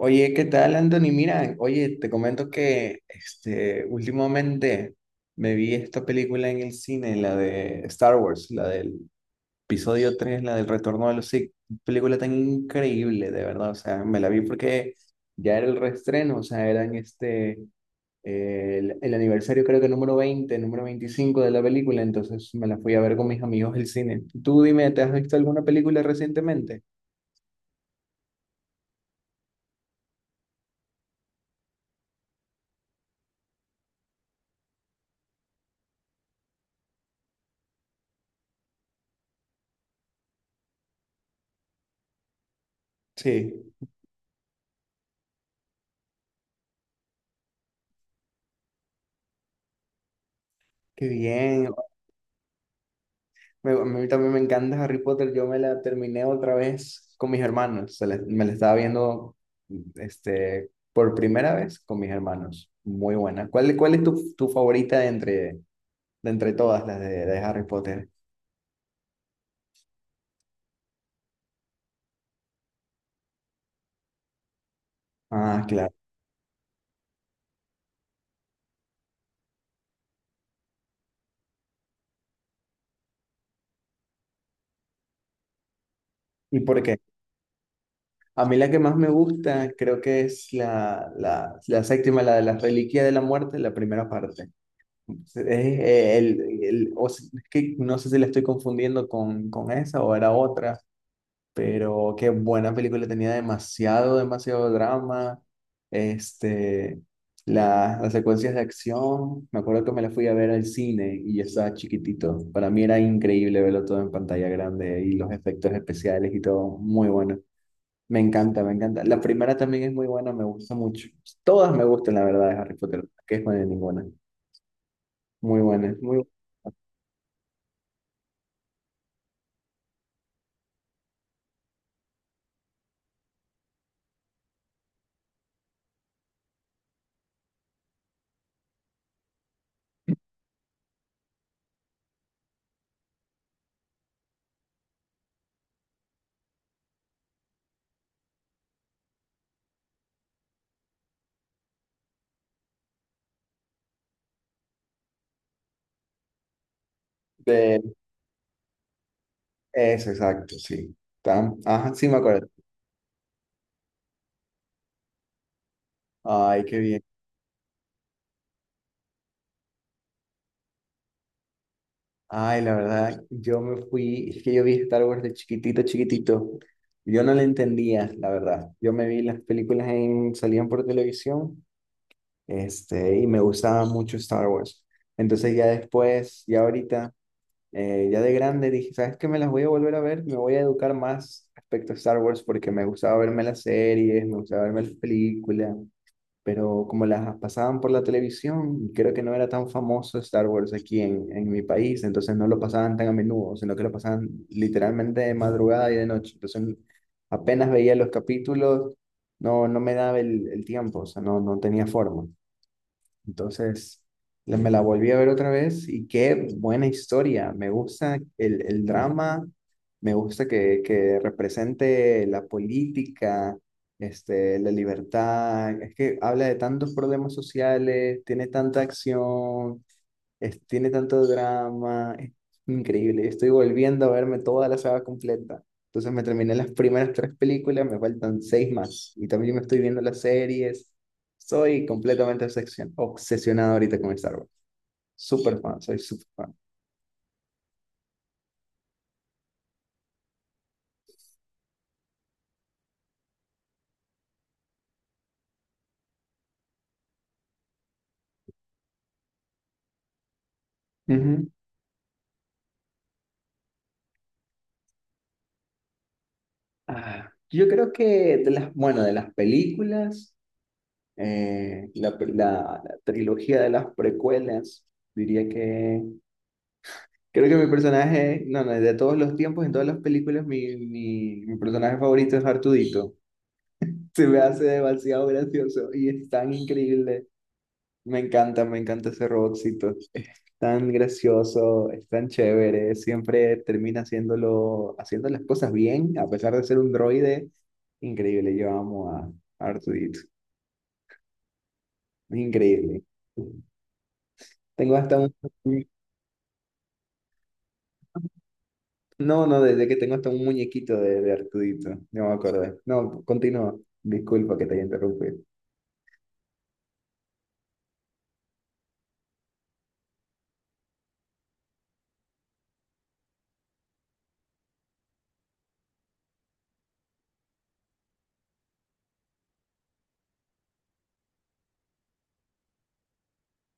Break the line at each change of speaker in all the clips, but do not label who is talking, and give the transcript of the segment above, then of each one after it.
Oye, ¿qué tal, Anthony? Mira, oye, te comento últimamente me vi esta película en el cine, la de Star Wars, la del episodio 3, la del Retorno de los Sith. Película tan increíble, de verdad. O sea, me la vi porque ya era el reestreno, o sea, era en el aniversario creo que número 20, número 25 de la película, entonces me la fui a ver con mis amigos del cine. Tú dime, ¿te has visto alguna película recientemente? Sí, qué bien. A mí también me encanta Harry Potter. Yo me la terminé otra vez con mis hermanos. Me la estaba viendo por primera vez con mis hermanos. Muy buena. ¿Cuál es tu favorita de entre todas las de Harry Potter? Ah, claro. ¿Y por qué? A mí la que más me gusta creo que es la séptima, la de las Reliquias de la Muerte, la primera parte. Es, el- o s- Es que no sé si la estoy confundiendo con esa o era otra. Pero qué buena película, tenía demasiado, demasiado drama. Este, las secuencias de acción, me acuerdo que me la fui a ver al cine y yo estaba chiquitito. Para mí era increíble verlo todo en pantalla grande y los efectos especiales y todo, muy bueno. Me encanta, me encanta. La primera también es muy buena, me gusta mucho. Todas me gustan, la verdad, de Harry Potter, que es buena ninguna. Muy buena, muy de- Eso, exacto, sí. Ajá, sí me acuerdo. Ay, qué bien. Ay, la verdad, yo me fui, es que yo vi Star Wars de chiquitito, chiquitito. Yo no le entendía, la verdad. Yo me vi las películas en, salían por televisión, y me gustaba mucho Star Wars. Entonces ya después, ya ahorita, ya de grande, dije, ¿sabes qué? Me las voy a volver a ver, me voy a educar más respecto a Star Wars porque me gustaba verme las series, me gustaba verme las películas pero como las pasaban por la televisión, creo que no era tan famoso Star Wars aquí en mi país, entonces no lo pasaban tan a menudo, sino que lo pasaban literalmente de madrugada y de noche. Entonces apenas veía los capítulos, no me daba el tiempo, o sea, no tenía forma. Entonces, me la volví a ver otra vez y qué buena historia. Me gusta el drama, me gusta que represente la política, la libertad. Es que habla de tantos problemas sociales, tiene tanta acción. Tiene tanto drama, es increíble. Estoy volviendo a verme toda la saga completa. Entonces me terminé las primeras 3 películas, me faltan 6 más. Y también me estoy viendo las series. Soy completamente obsesionado ahorita con Star Wars. Súper fan, soy súper fan. Ujú. Ah, yo creo que de las, bueno, de las películas, la trilogía de las precuelas, diría que... Creo que mi personaje, no, no, de todos los tiempos, en todas las películas, mi personaje favorito es Artudito. Se me hace demasiado gracioso y es tan increíble. Me encanta ese robotcito. Tan gracioso, es tan chévere, siempre termina haciéndolo, haciendo las cosas bien, a pesar de ser un droide. Increíble, yo amo a Artudito. Es increíble. Tengo hasta un... No, no, desde que tengo hasta un muñequito de Artudito, no me acuerdo. No, continúa, disculpa que te haya interrumpido.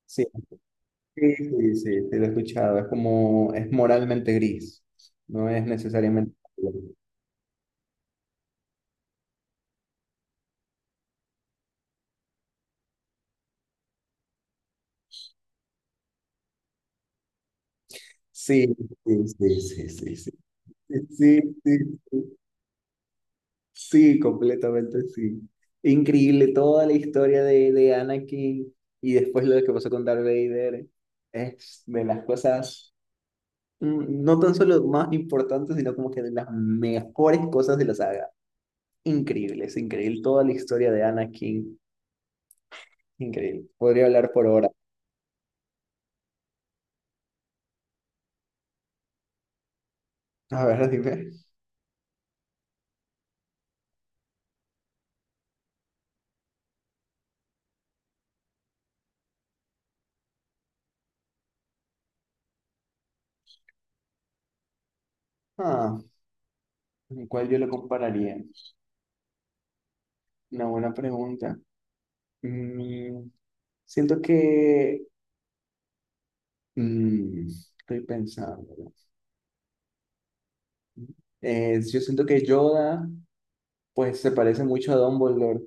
Sí, sí, sí, sí, sí, lo he escuchado, es como, es moralmente gris, no es necesariamente... Sí, sí, sí, sí, sí, sí, sí, sí, sí, completamente sí. Increíble toda la historia de Anakin y después lo que pasó con Darth Vader, es de las cosas... no tan solo más importantes, sino como que de las mejores cosas de la saga. Increíble, es increíble. Toda la historia de Anakin, increíble. Podría hablar por horas. A ver, dime. Ah, ¿con ¿Cuál yo lo compararía? Una buena pregunta. Mm, Siento que... mm, estoy pensando. Yo siento que Yoda, pues, se parece mucho a Dumbledore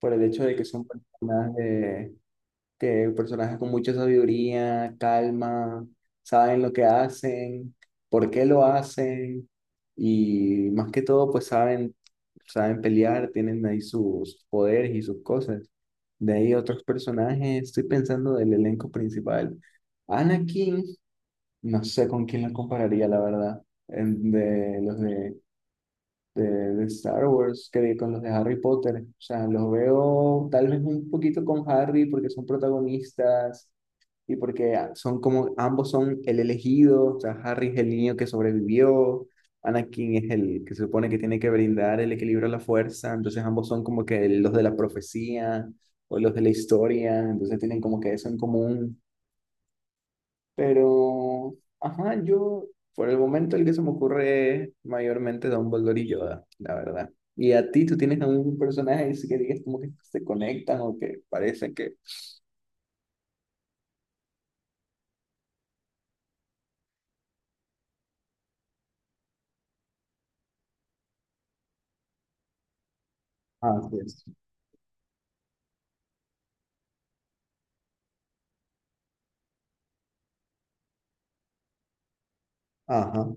por el hecho de que son personajes que personajes con mucha sabiduría, calma, saben lo que hacen, por qué lo hacen y más que todo pues saben, saben pelear, tienen ahí sus poderes y sus cosas. De ahí otros personajes, estoy pensando del elenco principal. Anakin, no sé con quién lo compararía la verdad, en- de los de... De, de Star Wars, que con los de Harry Potter, o sea, los veo tal vez un poquito con Harry porque son protagonistas, y porque son como, ambos son el elegido, o sea, Harry es el niño que sobrevivió, Anakin es el que se supone que tiene que brindar el equilibrio a la fuerza, entonces ambos son como que los de la profecía o los de la historia, entonces tienen como que eso en común, pero, ajá, yo, por el momento el que se me ocurre es mayormente Dumbledore y Yoda, la verdad. ¿Y a ti, tú tienes algún personaje así que digas como que se conectan o que parece que... Así es. Ajá.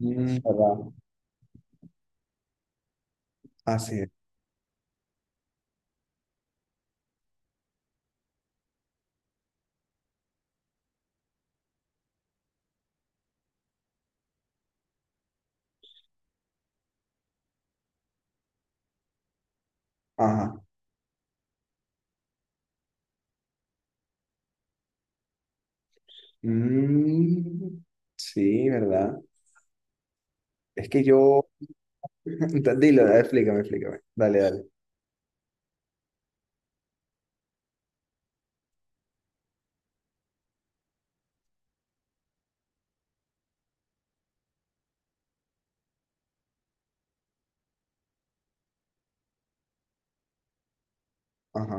Mm, ¿verdad? Así. Ajá. Mm, sí, ¿verdad? Es que yo... Dilo, dale, explícame, explícame. Dale, dale. Ajá.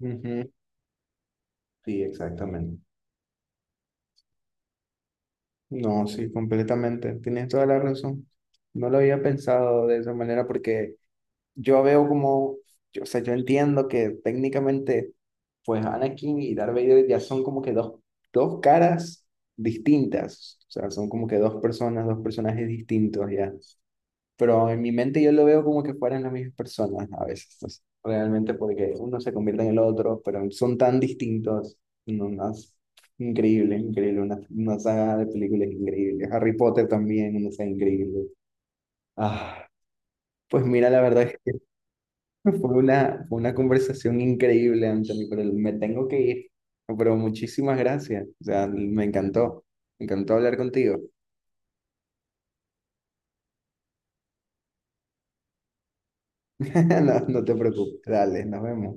Ujú. Sí, exactamente. No, sí, completamente. Tienes toda la razón. No lo había pensado de esa manera porque yo veo como, yo, o sea, yo entiendo que técnicamente, pues Anakin y Darth Vader ya son como que dos caras distintas. O sea, son como que dos personas, dos personajes distintos ya. Pero en mi mente yo lo veo como que fueran las mismas personas a veces, entonces, realmente porque uno se convierte en el otro, pero son tan distintos, no, no, es increíble, increíble, una saga de películas increíble, Harry Potter también, una saga increíble. Ah, pues mira, la verdad es que fue una conversación increíble, Anthony, pero me tengo que ir, pero muchísimas gracias, o sea, me encantó hablar contigo, no, no te preocupes, dale, nos vemos.